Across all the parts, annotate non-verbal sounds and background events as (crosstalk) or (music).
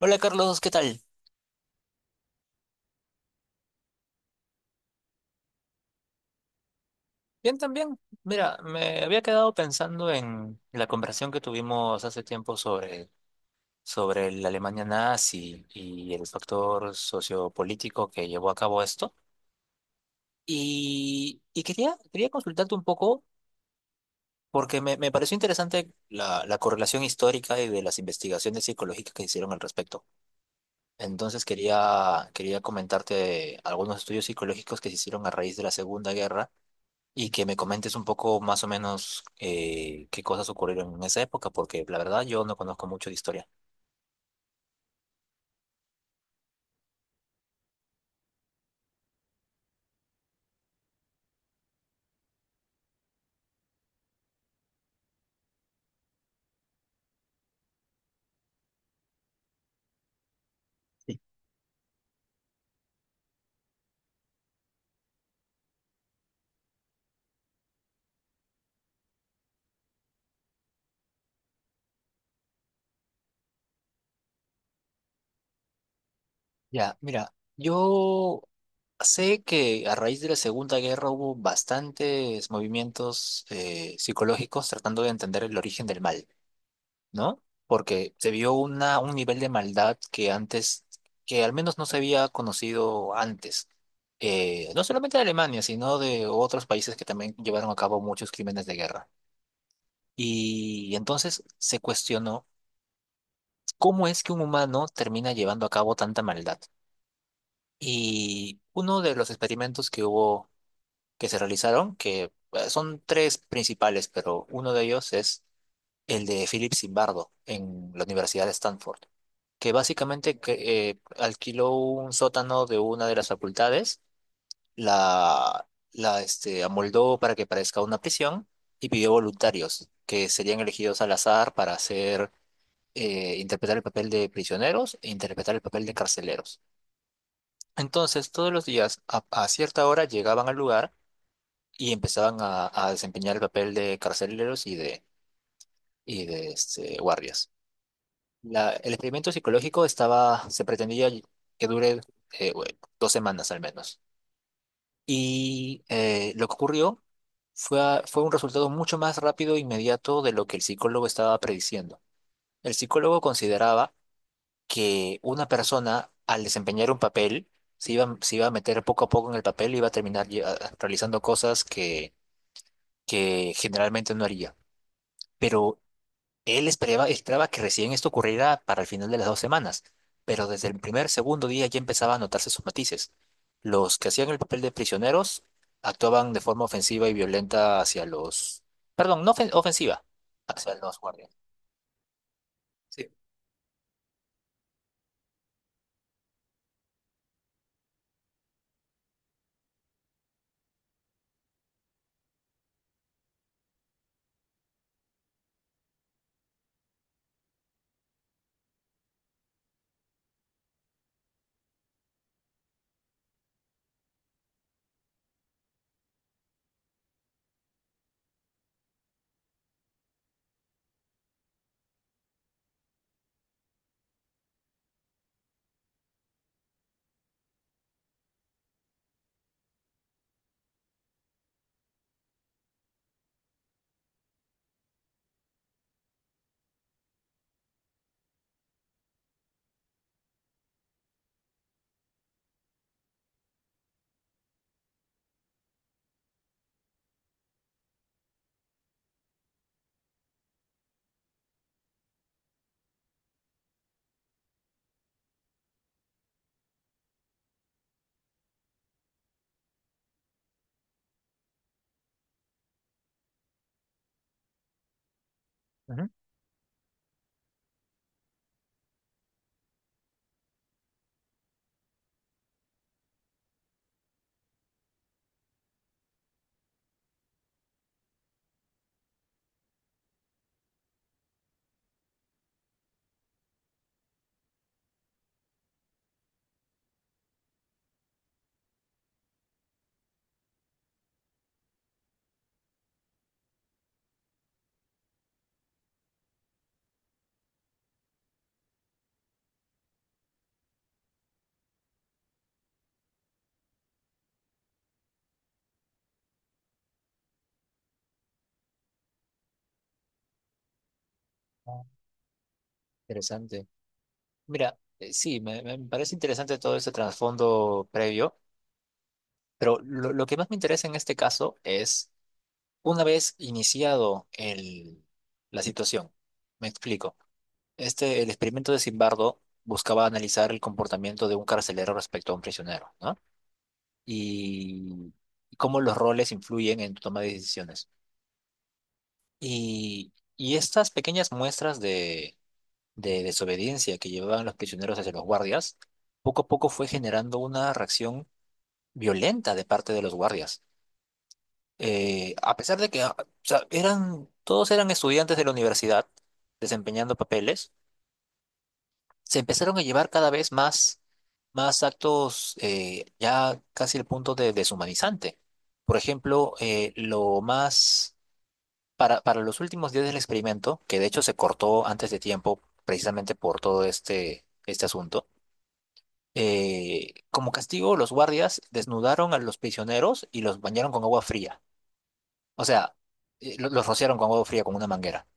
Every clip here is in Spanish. Hola Carlos, ¿qué tal? Bien también. Mira, me había quedado pensando en la conversación que tuvimos hace tiempo sobre la Alemania nazi y el factor sociopolítico que llevó a cabo esto. Quería consultarte un poco porque me pareció interesante la correlación histórica y de las investigaciones psicológicas que se hicieron al respecto. Entonces quería comentarte algunos estudios psicológicos que se hicieron a raíz de la Segunda Guerra. Y que me comentes un poco más o menos qué cosas ocurrieron en esa época, porque la verdad yo no conozco mucho de historia. Ya, mira, yo sé que a raíz de la Segunda Guerra hubo bastantes movimientos psicológicos tratando de entender el origen del mal, ¿no? Porque se vio un nivel de maldad que al menos no se había conocido antes. No solamente de Alemania, sino de otros países que también llevaron a cabo muchos crímenes de guerra. Y entonces se cuestionó cómo es que un humano termina llevando a cabo tanta maldad. Y uno de los experimentos que se realizaron, que son tres principales, pero uno de ellos es el de Philip Zimbardo en la Universidad de Stanford, que básicamente alquiló un sótano de una de las facultades, la, la amoldó para que parezca una prisión y pidió voluntarios que serían elegidos al azar para hacer, interpretar el papel de prisioneros e interpretar el papel de carceleros. Entonces, todos los días, a cierta hora, llegaban al lugar y empezaban a desempeñar el papel de carceleros y de guardias. El experimento psicológico se pretendía que dure, bueno, dos semanas al menos. Y lo que ocurrió fue un resultado mucho más rápido e inmediato de lo que el psicólogo estaba prediciendo. El psicólogo consideraba que una persona al desempeñar un papel se iba a meter poco a poco en el papel y iba a terminar realizando cosas que generalmente no haría. Pero él esperaba que recién esto ocurriera para el final de las dos semanas, pero desde el segundo día ya empezaba a notarse sus matices. Los que hacían el papel de prisioneros actuaban de forma ofensiva y violenta hacia los... Perdón, no ofen- ofensiva, hacia los guardias. Sí. Ujú. Ah, interesante. Mira, sí, me parece interesante todo ese trasfondo previo, pero lo que más me interesa en este caso es, una vez iniciado la situación, me explico. Este, el experimento de Zimbardo buscaba analizar el comportamiento de un carcelero respecto a un prisionero, ¿no? Y cómo los roles influyen en tu toma de decisiones. Y estas pequeñas muestras de desobediencia que llevaban los prisioneros hacia los guardias, poco a poco fue generando una reacción violenta de parte de los guardias. A pesar de que o sea, eran, todos eran estudiantes de la universidad desempeñando papeles, se empezaron a llevar más actos, ya casi al punto de deshumanizante. Por ejemplo, lo más para los últimos días del experimento, que de hecho se cortó antes de tiempo precisamente por todo este asunto. Como castigo, los guardias desnudaron a los prisioneros y los bañaron con agua fría. O sea, los rociaron con agua fría, con una manguera.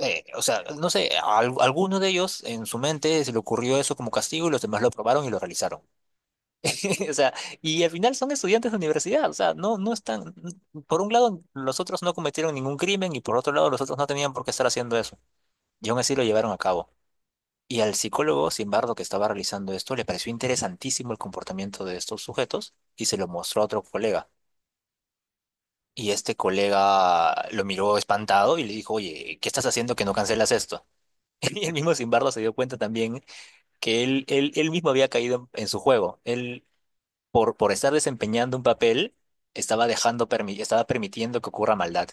O sea, no sé, alguno de ellos en su mente se le ocurrió eso como castigo y los demás lo probaron y lo realizaron. (laughs) O sea, y al final son estudiantes de universidad. O sea, no, no están. Por un lado, los otros no cometieron ningún crimen y por otro lado, los otros no tenían por qué estar haciendo eso. Y aún así lo llevaron a cabo. Y al psicólogo, sin embargo, que estaba realizando esto, le pareció interesantísimo el comportamiento de estos sujetos y se lo mostró a otro colega. Y este colega lo miró espantado y le dijo, oye, ¿qué estás haciendo que no cancelas esto? (laughs) Y el mismo Simbardo se dio cuenta también que él mismo había caído en su juego. Él, por estar desempeñando un papel, estaba estaba permitiendo que ocurra maldad.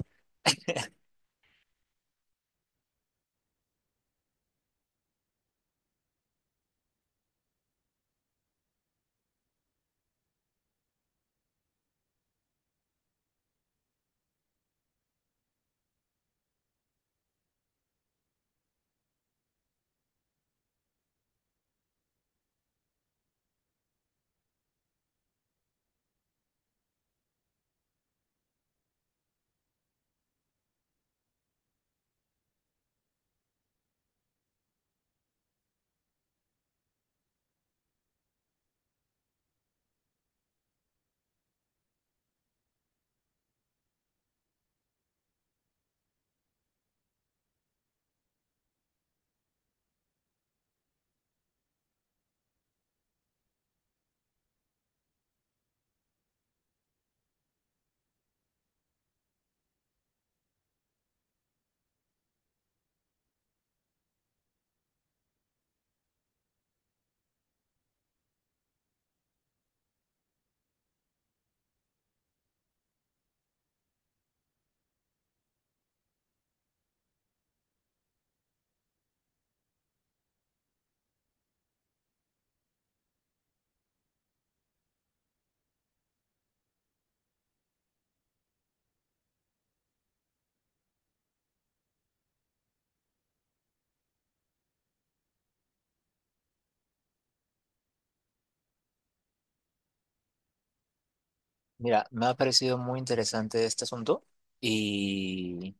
Mira, me ha parecido muy interesante este asunto y,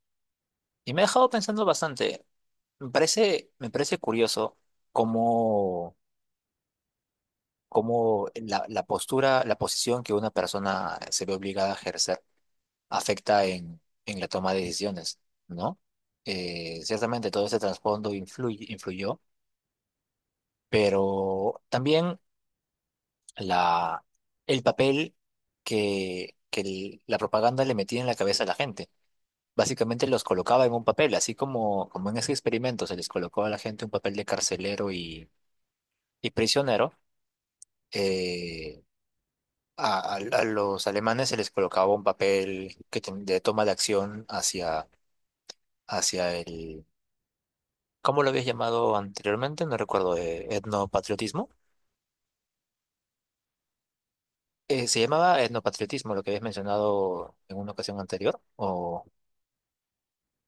y me ha dejado pensando bastante. Me parece curioso cómo, cómo la postura, la posición que una persona se ve obligada a ejercer afecta en la toma de decisiones, ¿no? Ciertamente todo ese trasfondo influyó, pero también la, el papel que la propaganda le metía en la cabeza a la gente. Básicamente los colocaba en un papel, así como, como en ese experimento se les colocó a la gente un papel de carcelero y prisionero. eh, a los alemanes se les colocaba un papel de toma de acción hacia, hacia el, ¿cómo lo habías llamado anteriormente? No recuerdo, etnopatriotismo. ¿Se llamaba etnopatriotismo lo que habías mencionado en una ocasión anterior? ¿O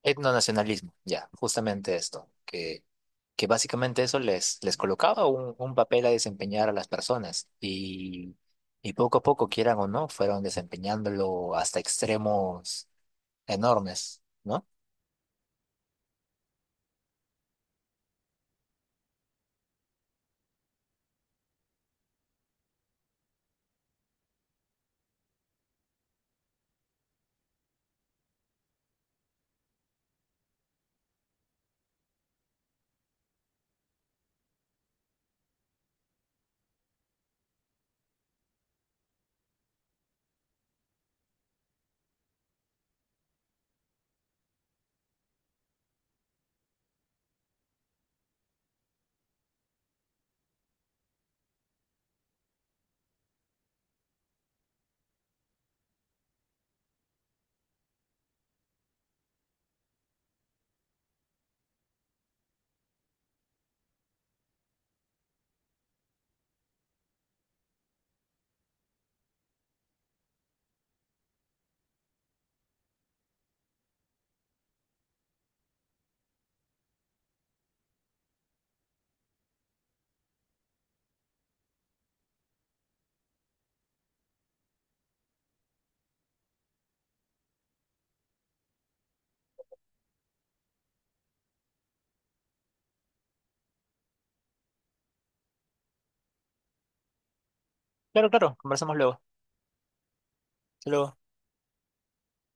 etnonacionalismo? Ya, justamente esto, que básicamente eso les, les colocaba un papel a desempeñar a las personas y poco a poco, quieran o no, fueron desempeñándolo hasta extremos enormes, ¿no? Claro, claro, conversamos luego. Hasta luego.